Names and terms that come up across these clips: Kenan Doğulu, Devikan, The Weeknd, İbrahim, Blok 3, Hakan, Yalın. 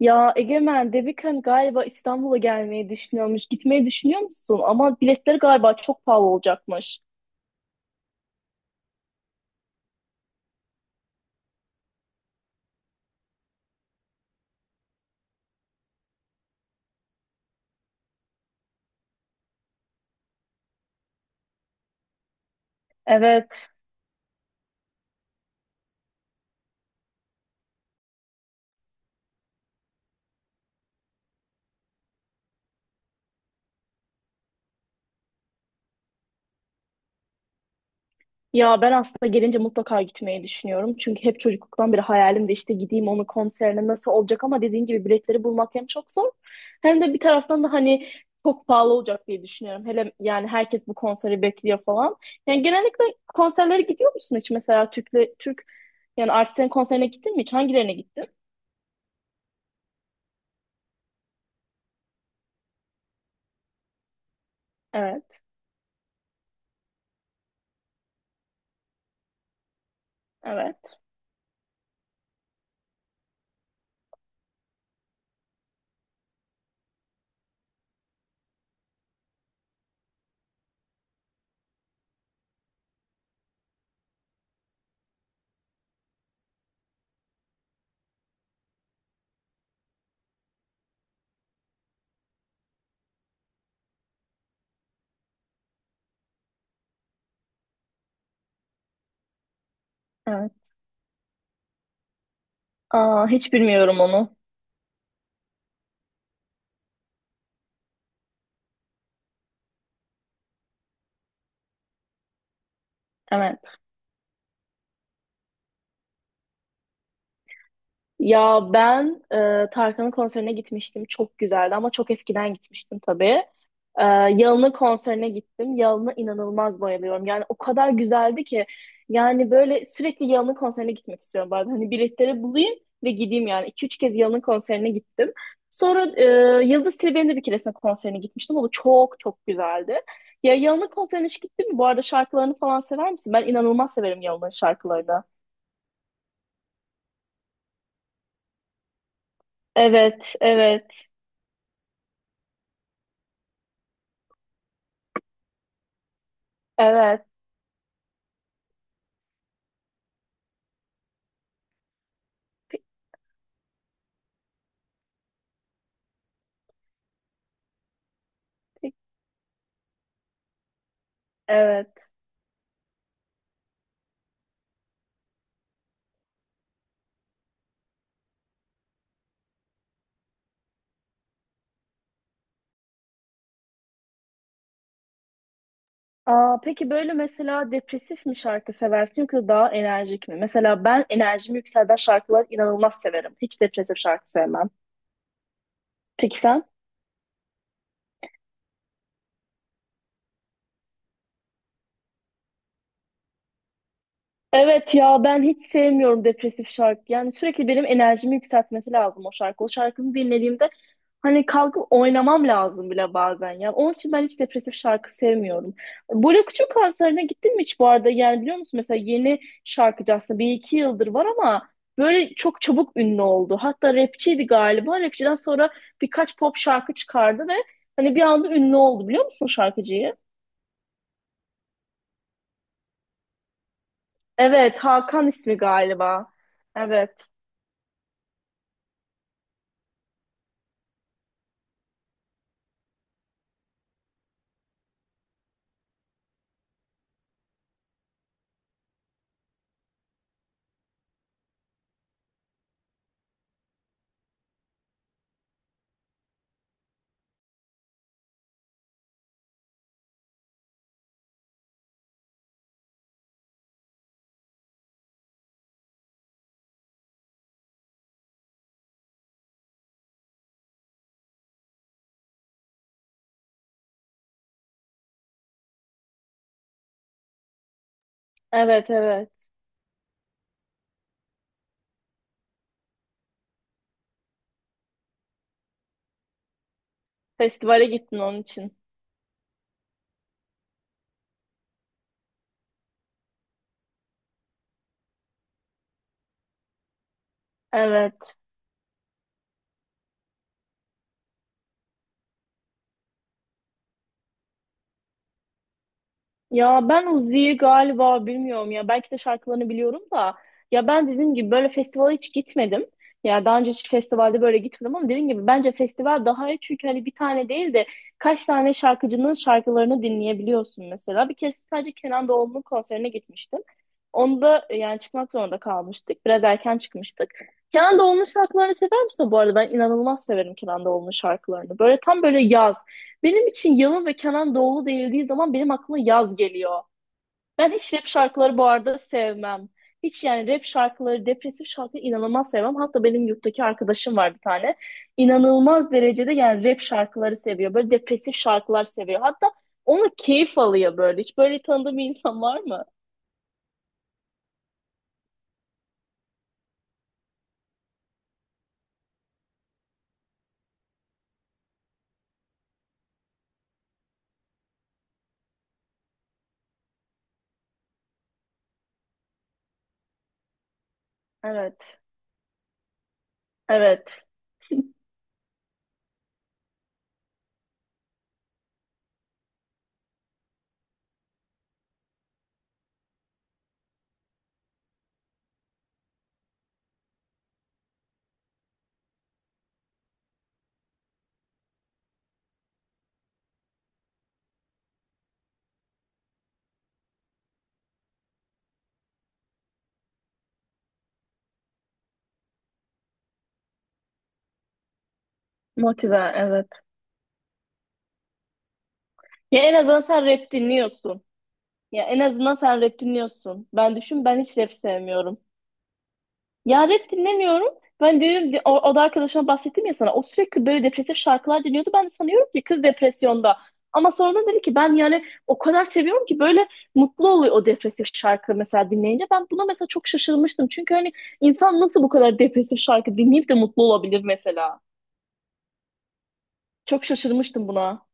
Ya Egemen, Devikan galiba İstanbul'a gelmeyi düşünüyormuş. Gitmeyi düşünüyor musun? Ama biletleri galiba çok pahalı olacakmış. Evet. Ya ben aslında gelince mutlaka gitmeyi düşünüyorum. Çünkü hep çocukluktan beri hayalim de işte gideyim onun konserine nasıl olacak, ama dediğin gibi biletleri bulmak hem çok zor hem de bir taraftan da hani çok pahalı olacak diye düşünüyorum. Hele yani herkes bu konseri bekliyor falan. Yani genellikle konserlere gidiyor musun hiç? Mesela Türk'le Türk yani artistlerin konserine gittin mi hiç? Hangilerine gittin? Evet, evet. Evet. Aa, hiç bilmiyorum onu. Evet. Ya ben Tarkan'ın konserine gitmiştim. Çok güzeldi ama çok eskiden gitmiştim tabii. E, Yalın'ın konserine gittim. Yalın'a inanılmaz bayılıyorum. Yani o kadar güzeldi ki. Yani böyle sürekli Yalın'ın konserine gitmek istiyorum bu arada. Hani biletleri bulayım ve gideyim yani. İki üç kez Yalın'ın konserine gittim. Sonra Yıldız Tilbe'nin de bir keresinde konserine gitmiştim. O da çok çok güzeldi. Ya Yalın'ın konserine hiç gittin mi? Bu arada şarkılarını falan sever misin? Ben inanılmaz severim Yalın'ın şarkılarını. Evet, evet, evet, Pe- pe- evet. Aa, peki böyle mesela depresif mi şarkı seversin yoksa daha enerjik mi? Mesela ben enerjimi yükselten şarkıları inanılmaz severim. Hiç depresif şarkı sevmem. Peki sen? Evet ya ben hiç sevmiyorum depresif şarkı. Yani sürekli benim enerjimi yükseltmesi lazım o şarkı. O şarkını dinlediğimde hani kalkıp oynamam lazım bile bazen. Ya onun için ben hiç depresif şarkı sevmiyorum. Böyle küçük konserine gittin mi hiç bu arada? Yani biliyor musun mesela yeni şarkıcı aslında bir iki yıldır var ama böyle çok çabuk ünlü oldu. Hatta rapçiydi galiba. Rapçiden sonra birkaç pop şarkı çıkardı ve hani bir anda ünlü oldu, biliyor musun şarkıcıyı? Evet, Hakan ismi galiba. Evet. Evet, evet. Festivale gittin onun için. Evet. Ya ben Uzi'yi galiba bilmiyorum ya. Belki de şarkılarını biliyorum da. Ya ben dediğim gibi böyle festivale hiç gitmedim. Ya daha önce hiç festivalde böyle gitmedim, ama dediğim gibi bence festival daha iyi çünkü hani bir tane değil de kaç tane şarkıcının şarkılarını dinleyebiliyorsun mesela. Bir kere sadece Kenan Doğulu'nun konserine gitmiştim. Onda yani çıkmak zorunda kalmıştık. Biraz erken çıkmıştık. Kenan Doğulu'nun şarkılarını sever misin bu arada? Ben inanılmaz severim Kenan Doğulu'nun şarkılarını. Böyle tam böyle yaz. Benim için Yalın ve Kenan Doğulu değildiği zaman benim aklıma yaz geliyor. Ben hiç rap şarkıları bu arada sevmem. Hiç yani rap şarkıları, depresif şarkıları inanılmaz sevmem. Hatta benim yurttaki arkadaşım var bir tane. İnanılmaz derecede yani rap şarkıları seviyor. Böyle depresif şarkılar seviyor. Hatta onu keyif alıyor böyle. Hiç böyle tanıdığım bir insan var mı? Evet. Evet. Motive, evet. Ya en azından sen rap dinliyorsun. Ya en azından sen rap dinliyorsun. Ben düşün, ben hiç rap sevmiyorum. Ya rap dinlemiyorum. Ben diyorum o da arkadaşıma bahsettim ya sana. O sürekli böyle depresif şarkılar dinliyordu. Ben de sanıyorum ki kız depresyonda. Ama sonradan dedi ki ben yani o kadar seviyorum ki böyle mutlu oluyor o depresif şarkı mesela dinleyince. Ben buna mesela çok şaşırmıştım. Çünkü hani insan nasıl bu kadar depresif şarkı dinleyip de mutlu olabilir mesela. Çok şaşırmıştım buna.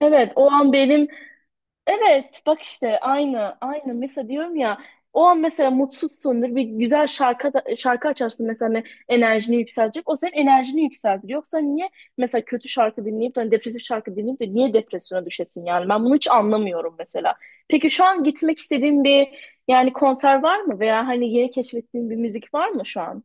Evet, o an benim. Evet bak işte aynı mesela diyorum ya, o an mesela mutsuzsundur, bir güzel şarkı açarsın mesela hani enerjini yükseltecek, o senin enerjini yükseltir, yoksa niye mesela kötü şarkı dinleyip de hani depresif şarkı dinleyip de niye depresyona düşesin, yani ben bunu hiç anlamıyorum mesela. Peki şu an gitmek istediğin bir yani konser var mı veya hani yeni keşfettiğin bir müzik var mı şu an?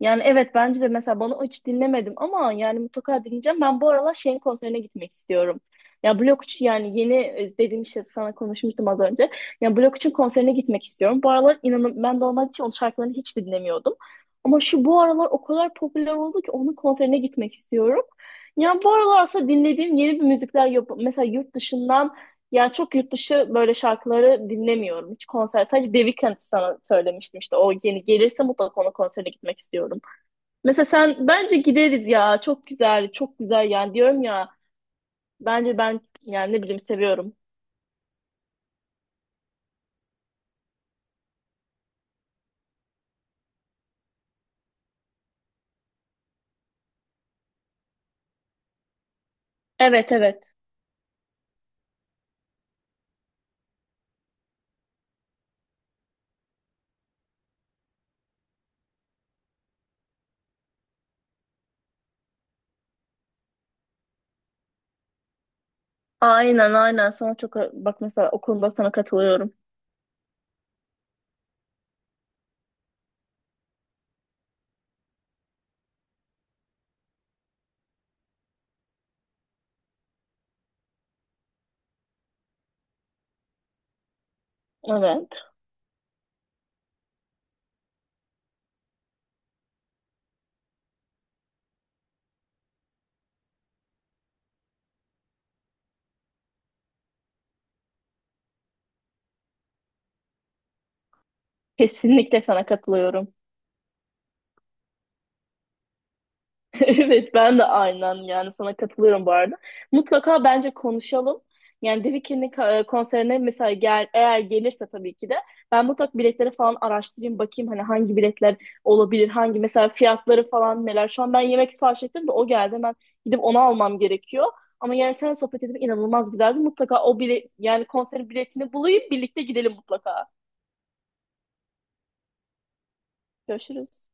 Yani evet, bence de mesela bana hiç dinlemedim ama yani mutlaka dinleyeceğim. Ben bu aralar şeyin konserine gitmek istiyorum. Ya Blok 3 yani yeni dediğim işte sana konuşmuştum az önce. Ya Blok 3'ün konserine gitmek istiyorum. Bu aralar inanın ben normalde hiç onun şarkılarını hiç dinlemiyordum. Ama şu bu aralar o kadar popüler oldu ki onun konserine gitmek istiyorum. Yani bu aralar aslında dinlediğim yeni bir müzikler yap mesela yurt dışından, yani çok yurt dışı böyle şarkıları dinlemiyorum. Hiç konser sadece The Weeknd, sana söylemiştim işte, o yeni gelirse mutlaka onun konserine gitmek istiyorum. Mesela sen bence gideriz ya. Çok güzel, çok güzel yani diyorum ya. Bence ben yani ne bileyim seviyorum. Evet, evet. Aynen sana çok bak mesela o konuda sana katılıyorum. Evet. Kesinlikle sana katılıyorum. Evet ben de aynen yani sana katılıyorum bu arada. Mutlaka bence konuşalım. Yani The Weeknd'in konserine mesela gel, eğer gelirse tabii ki de ben mutlaka biletleri falan araştırayım, bakayım hani hangi biletler olabilir, hangi mesela fiyatları falan neler. Şu an ben yemek sipariş ettim de o geldi, ben gidip onu almam gerekiyor. Ama yani sen sohbet edip inanılmaz güzeldi. Mutlaka o bile yani konserin biletini bulayım, birlikte gidelim mutlaka. Görüşürüz.